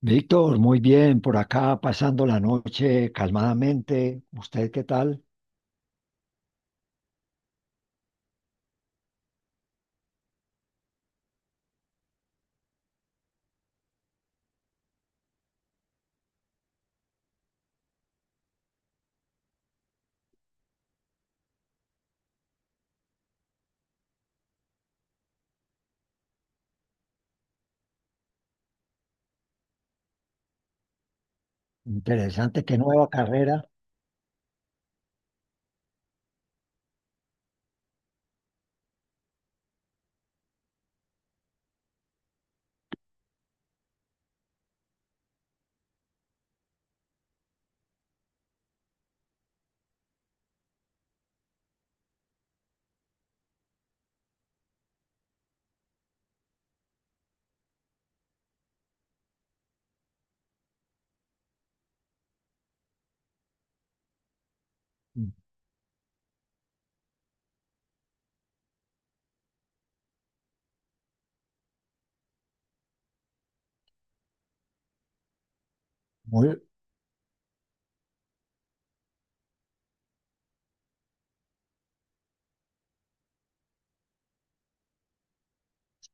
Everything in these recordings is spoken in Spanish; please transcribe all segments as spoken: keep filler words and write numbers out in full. Víctor, muy bien, por acá pasando la noche calmadamente. ¿Usted qué tal? Interesante, qué nueva carrera. Muy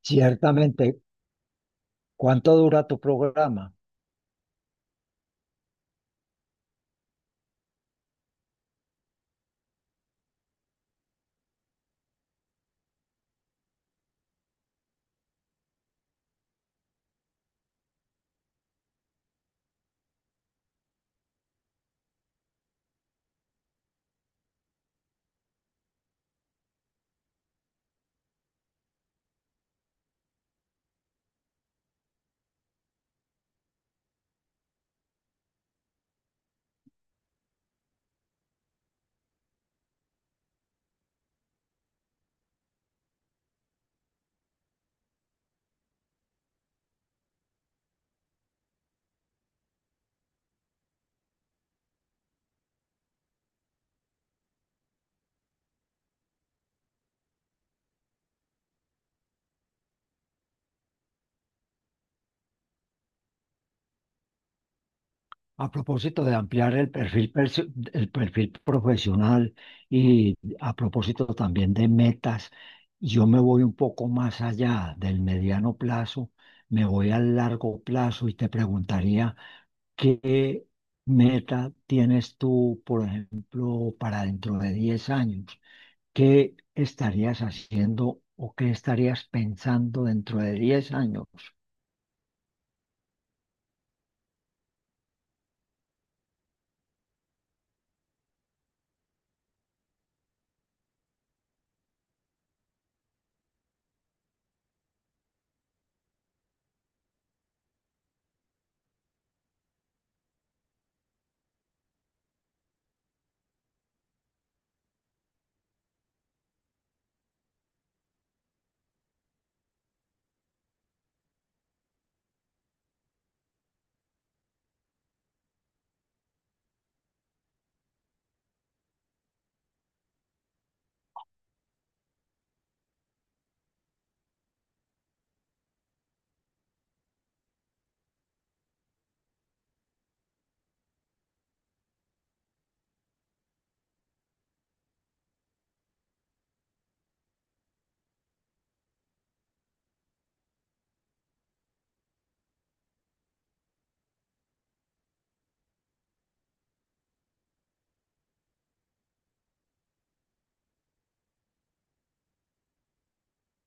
Ciertamente, ¿cuánto dura tu programa? A propósito de ampliar el perfil, perso- el perfil profesional y a propósito también de metas, yo me voy un poco más allá del mediano plazo, me voy al largo plazo y te preguntaría. ¿Qué meta tienes tú, por ejemplo, para dentro de diez años? ¿Qué estarías haciendo o qué estarías pensando dentro de diez años?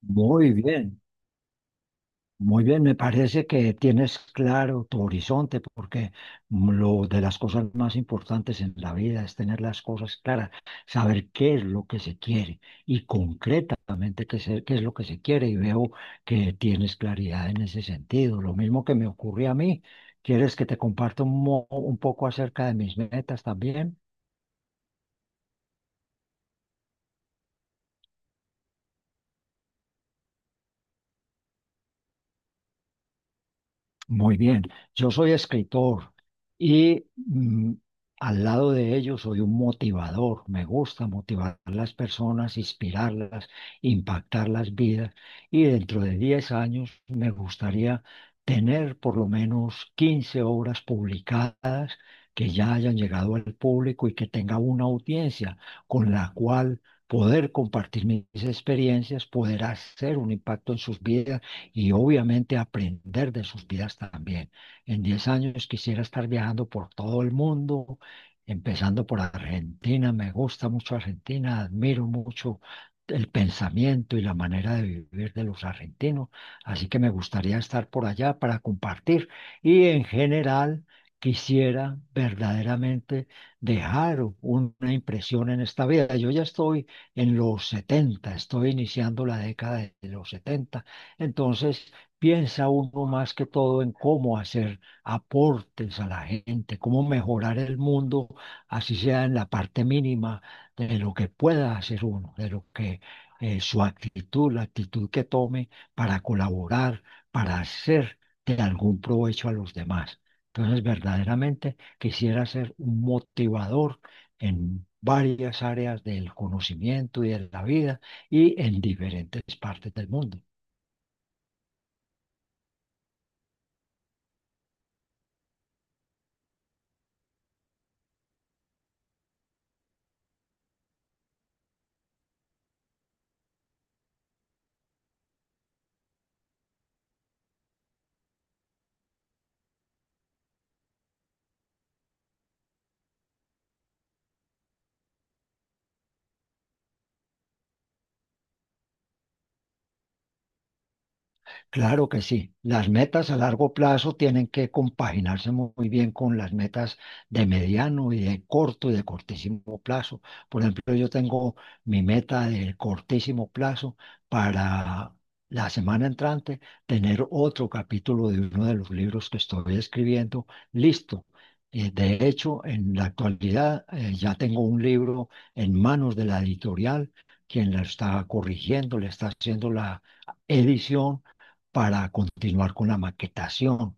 Muy bien. Muy bien, me parece que tienes claro tu horizonte, porque lo de las cosas más importantes en la vida es tener las cosas claras, saber qué es lo que se quiere y concretamente qué, se- qué es lo que se quiere. Y veo que tienes claridad en ese sentido. Lo mismo que me ocurrió a mí. ¿Quieres que te comparta un, mo- un poco acerca de mis metas también? Muy bien, yo soy escritor y mm, al lado de ello soy un motivador. Me gusta motivar a las personas, inspirarlas, impactar las vidas y dentro de diez años me gustaría tener por lo menos quince obras publicadas que ya hayan llegado al público y que tenga una audiencia con la cual poder compartir mis experiencias, poder hacer un impacto en sus vidas y obviamente aprender de sus vidas también. En diez años quisiera estar viajando por todo el mundo, empezando por Argentina. Me gusta mucho Argentina, admiro mucho el pensamiento y la manera de vivir de los argentinos. Así que me gustaría estar por allá para compartir y en general quisiera verdaderamente dejar una impresión en esta vida. Yo ya estoy en los setenta, estoy iniciando la década de los setenta, entonces piensa uno más que todo en cómo hacer aportes a la gente, cómo mejorar el mundo, así sea en la parte mínima de lo que pueda hacer uno, de lo que eh, su actitud, la actitud que tome para colaborar, para hacer de algún provecho a los demás. Entonces, verdaderamente quisiera ser un motivador en varias áreas del conocimiento y de la vida y en diferentes partes del mundo. Claro que sí. Las metas a largo plazo tienen que compaginarse mu- muy bien con las metas de mediano y de corto y de cortísimo plazo. Por ejemplo, yo tengo mi meta de cortísimo plazo para la semana entrante tener otro capítulo de uno de los libros que estoy escribiendo listo. Eh, de hecho, en la actualidad eh, ya tengo un libro en manos de la editorial, quien la está corrigiendo, le está haciendo la edición para continuar con la maquetación.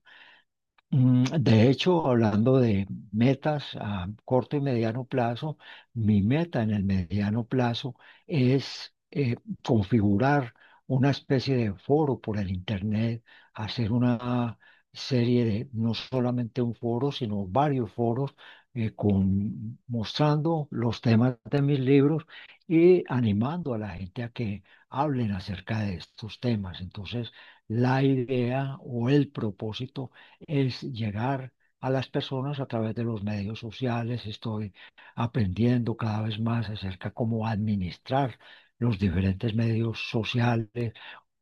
Mm, De hecho, hablando de metas a corto y mediano plazo, mi meta en el mediano plazo es eh, configurar una especie de foro por el Internet, hacer una serie de, no solamente un foro, sino varios foros eh, con, mostrando los temas de mis libros y animando a la gente a que hablen acerca de estos temas. Entonces, la idea o el propósito es llegar a las personas a través de los medios sociales. Estoy aprendiendo cada vez más acerca cómo administrar los diferentes medios sociales,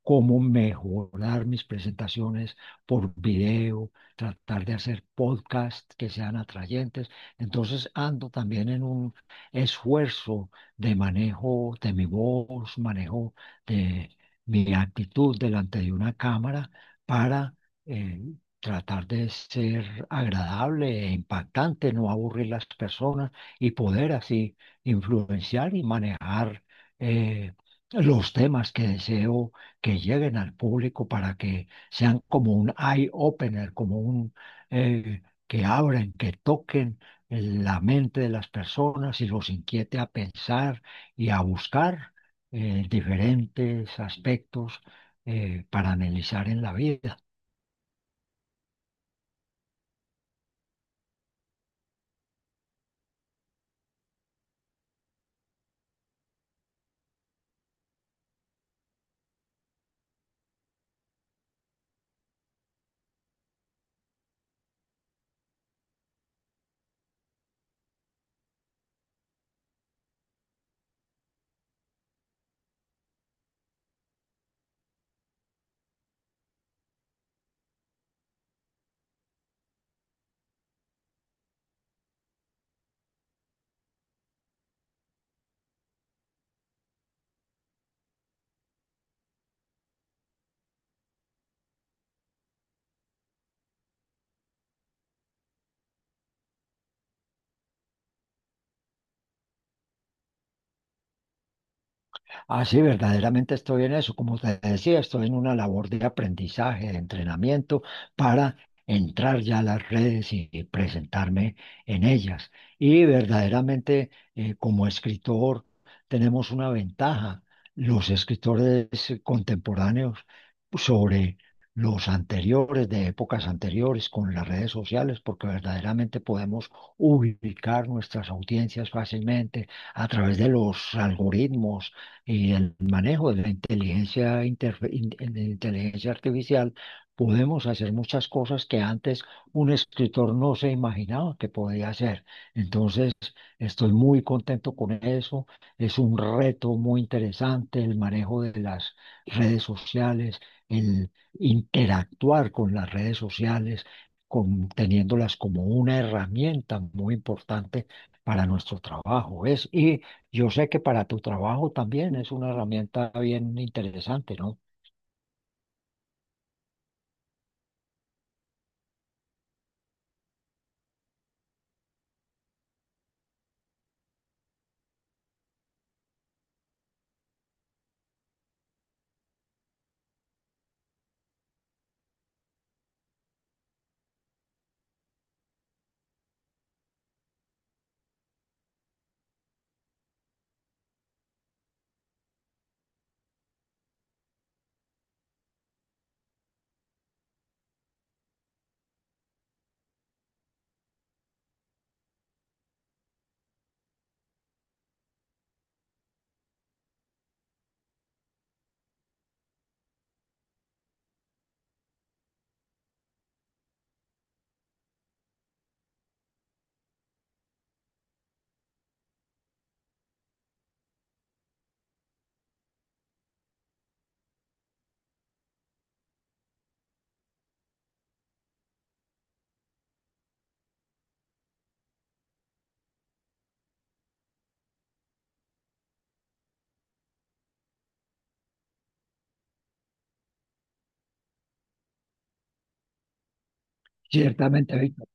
cómo mejorar mis presentaciones por video, tratar de hacer podcasts que sean atrayentes. Entonces ando también en un esfuerzo de manejo de mi voz, manejo de mi actitud delante de una cámara para eh, tratar de ser agradable e impactante, no aburrir las personas y poder así influenciar y manejar eh, los temas que deseo que lleguen al público para que sean como un eye-opener, como un eh, que abren, que toquen eh, la mente de las personas y los inquiete a pensar y a buscar eh, diferentes aspectos eh, para analizar en la vida. Ah, sí, verdaderamente estoy en eso. Como te decía, estoy en una labor de aprendizaje, de entrenamiento para entrar ya a las redes y y presentarme en ellas. Y verdaderamente, eh, como escritor, tenemos una ventaja, los escritores contemporáneos sobre los anteriores, de épocas anteriores, con las redes sociales, porque verdaderamente podemos ubicar nuestras audiencias fácilmente a través de los algoritmos y el manejo de la inteligencia, interfe- in- de la inteligencia artificial, podemos hacer muchas cosas que antes un escritor no se imaginaba que podía hacer. Entonces, estoy muy contento con eso. Es un reto muy interesante el manejo de las redes sociales, el interactuar con las redes sociales, con- teniéndolas como una herramienta muy importante para nuestro trabajo. Es, y yo sé que para tu trabajo también es una herramienta bien interesante, ¿no? Ciertamente, Víctor.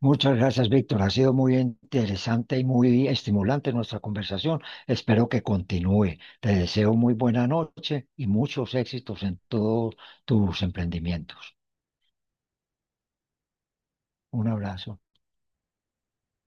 Muchas gracias, Víctor. Ha sido muy interesante y muy estimulante nuestra conversación. Espero que continúe. Te deseo muy buena noche y muchos éxitos en todos tus emprendimientos. Un abrazo.